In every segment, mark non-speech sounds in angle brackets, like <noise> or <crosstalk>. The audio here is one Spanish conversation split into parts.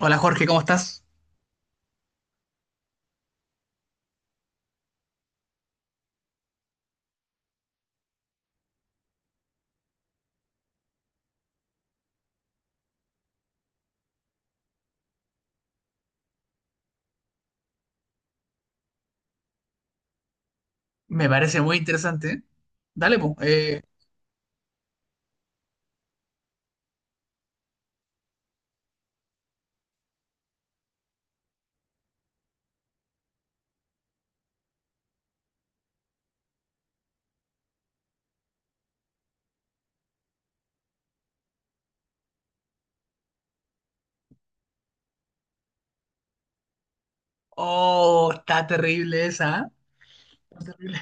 Hola Jorge, ¿cómo estás? Me parece muy interesante. Dale, pues. Oh, está terrible esa. ¿Eh? Está terrible.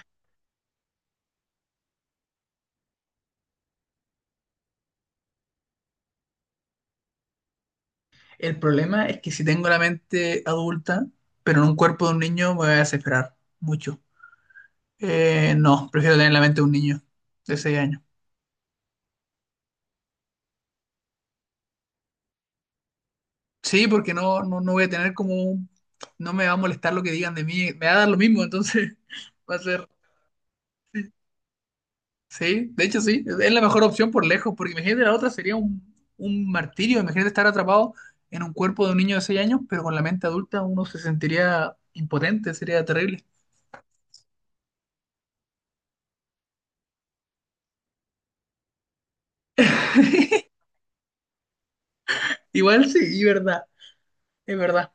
El problema es que si tengo la mente adulta, pero en un cuerpo de un niño, me voy a desesperar mucho. No, prefiero tener la mente de un niño de 6 años. Sí, porque no, no, no voy a tener como. No me va a molestar lo que digan de mí, me va a dar lo mismo, entonces <laughs> va a ser. Sí, de hecho sí, es la mejor opción por lejos, porque imagínate la otra sería un martirio, imagínate estar atrapado en un cuerpo de un niño de 6 años, pero con la mente adulta uno se sentiría impotente, sería terrible. <laughs> Igual sí, y verdad, es verdad,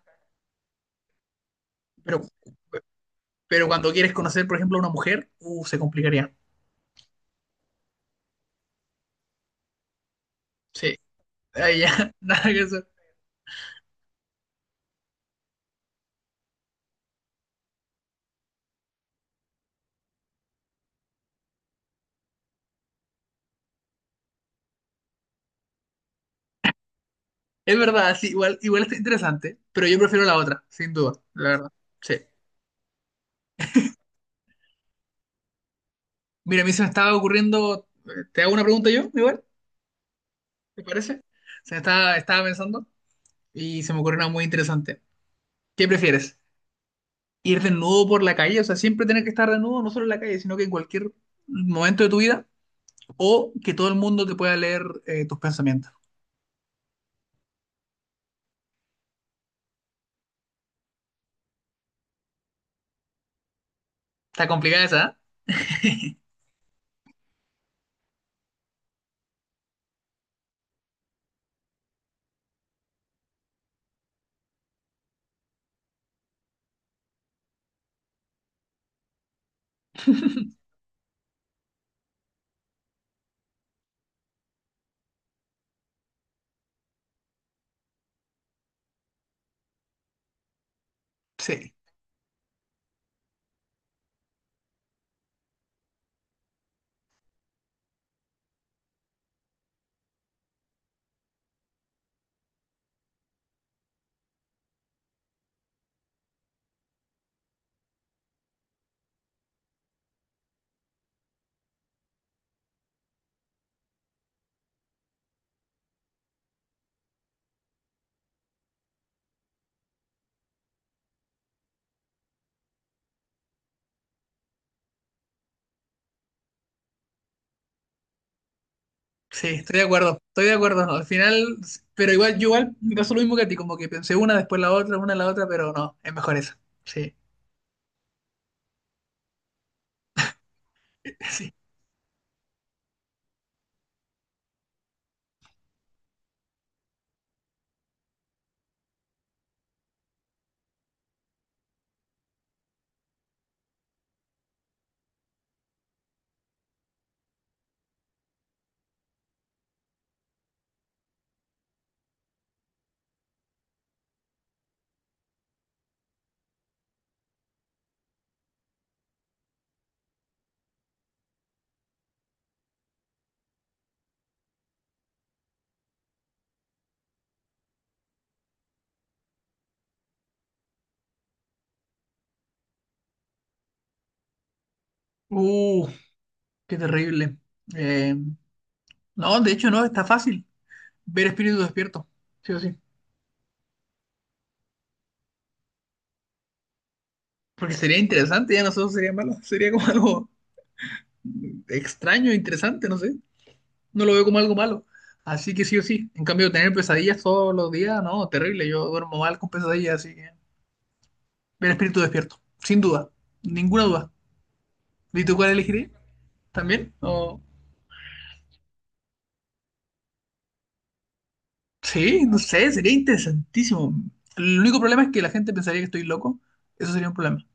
pero, pero cuando quieres conocer, por ejemplo, a una mujer, se complicaría. Sí, ahí ya, <laughs> nada que hacer. Es verdad, sí, igual está interesante, pero yo prefiero la otra, sin duda, la verdad. Sí. Mira, a mí se me estaba ocurriendo, ¿te hago una pregunta yo, igual? ¿Te parece? O sea, estaba pensando y se me ocurrió una muy interesante. ¿Qué prefieres? ¿Ir desnudo por la calle? O sea, siempre tener que estar desnudo, no solo en la calle, sino que en cualquier momento de tu vida. O que todo el mundo te pueda leer tus pensamientos. Está complicada esa, ¿eh? Sí, sí, estoy de acuerdo, estoy de acuerdo. Al final, pero igual, yo igual me pasó lo mismo que a ti, como que pensé una, después la otra, una, la otra, pero no, es mejor esa. Sí, <laughs> sí. Uh, qué terrible. Eh, no, de hecho no, está fácil. Ver espíritu despierto, sí o sí. Porque sería interesante, ya no solo sería malo, sería como algo extraño, interesante, no sé. No lo veo como algo malo. Así que sí o sí. En cambio, tener pesadillas todos los días, no, terrible. Yo duermo mal con pesadillas, así que ver espíritu despierto, sin duda, ninguna duda. ¿Y tú cuál elegirías? ¿También? ¿O? Sí, no sé, sería interesantísimo. El único problema es que la gente pensaría que estoy loco. Eso sería un problema.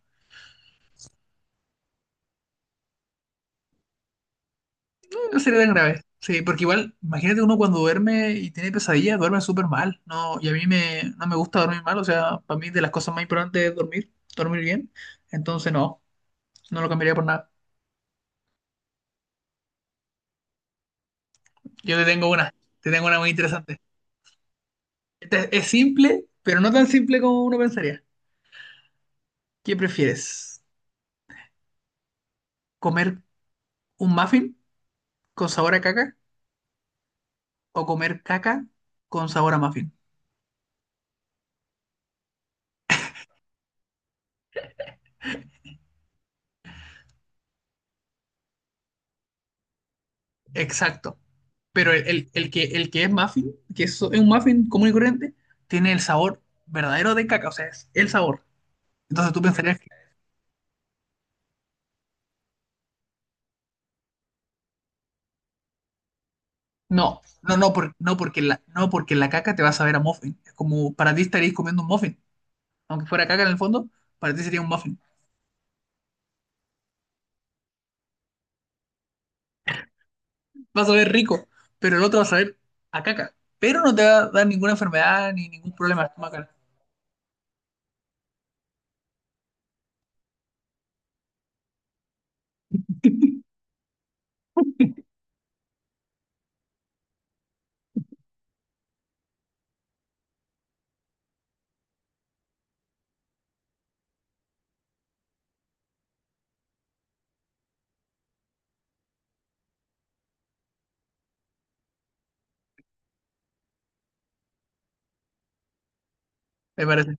No sería tan grave. Sí, porque igual, imagínate uno cuando duerme y tiene pesadillas, duerme súper mal. No, y a mí no me gusta dormir mal, o sea, para mí de las cosas más importantes es dormir, dormir bien. Entonces no, no lo cambiaría por nada. Yo te tengo una muy interesante. Esta es simple, pero no tan simple como uno pensaría. ¿Qué prefieres? ¿Comer un muffin con sabor a caca o comer caca con sabor a muffin? Exacto. Pero el que es muffin, que es un muffin común y corriente, tiene el sabor verdadero de caca, o sea, es el sabor. Entonces tú pensarías que no, no, no, no, porque no porque la caca te va a saber a muffin. Es como para ti estarías comiendo un muffin. Aunque fuera caca en el fondo, para ti sería un muffin. Vas a ver rico, pero el otro va a saber a caca. Pero no te va a dar ninguna enfermedad ni ningún problema estomacal, me parece.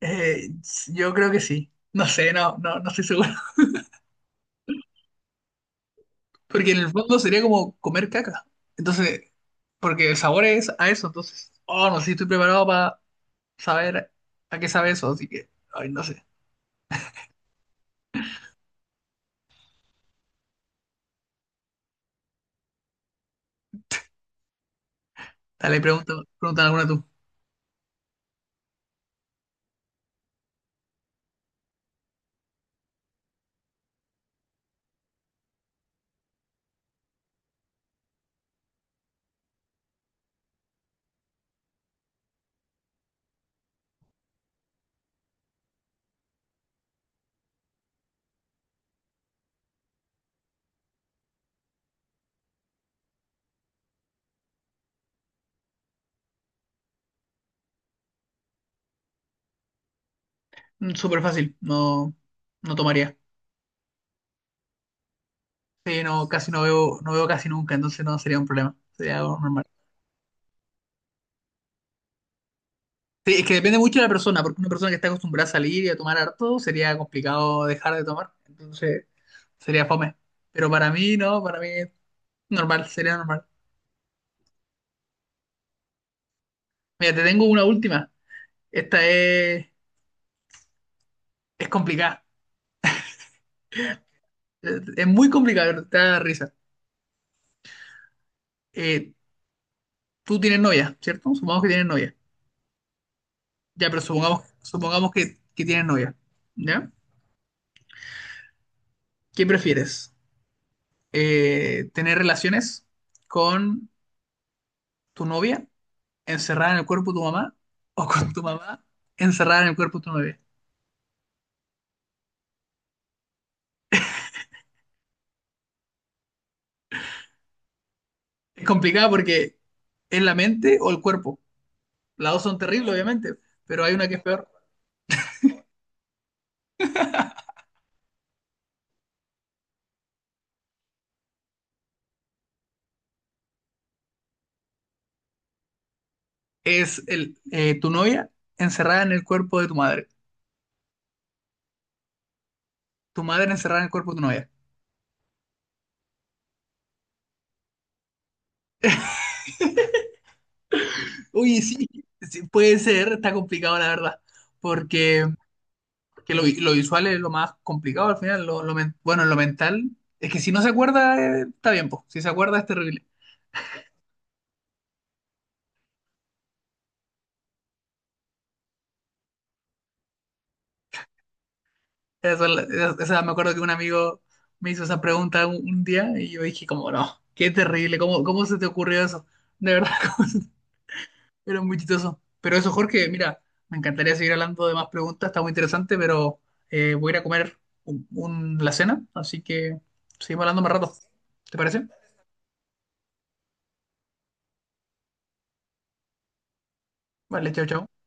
Eh, yo creo que sí. No sé, no, no, no estoy seguro. Porque en el fondo sería como comer caca. Entonces, porque el sabor es a eso. Entonces, oh, no sé si estoy preparado para saber a qué sabe eso. Así que, ay, no sé. Dale, pregunta, pregunta alguna tú. Súper fácil. No, no tomaría. Sí, no, casi no veo, no veo casi nunca. Entonces no sería un problema. Sería algo normal. Sí, es que depende mucho de la persona. Porque una persona que está acostumbrada a salir y a tomar harto, sería complicado dejar de tomar. Entonces, sería fome. Pero para mí, no, para mí es normal, sería normal. Mira, te tengo una última. Esta es complicada. Es muy complicada, pero te da risa. Eh, tú tienes novia, ¿cierto? Supongamos que tienes novia. Ya, pero supongamos que tienes novia. ¿Ya? ¿Qué prefieres? ¿Tener relaciones con tu novia encerrada en el cuerpo de tu mamá o con tu mamá encerrada en el cuerpo de tu novia? Es complicada porque es la mente o el cuerpo. Las dos son terribles, obviamente, pero hay una que es peor. Es tu novia encerrada en el cuerpo de tu madre. Tu madre encerrada en el cuerpo de tu novia. Uy, sí, sí, puede ser, está complicado la verdad, porque, porque lo visual es lo más complicado al final, bueno, lo mental, es que si no se acuerda, está bien, po. Si se acuerda es terrible. Esa, es la- esa- esa- Me acuerdo que un amigo me hizo esa pregunta un día y yo dije como, no, qué terrible, ¿cómo se te ocurrió eso? De verdad. Era muy chistoso. Pero eso, Jorge, mira, me encantaría seguir hablando de más preguntas, está muy interesante, pero voy a ir a comer la cena, así que seguimos hablando más rato. ¿Te parece? Vale, chao, chao.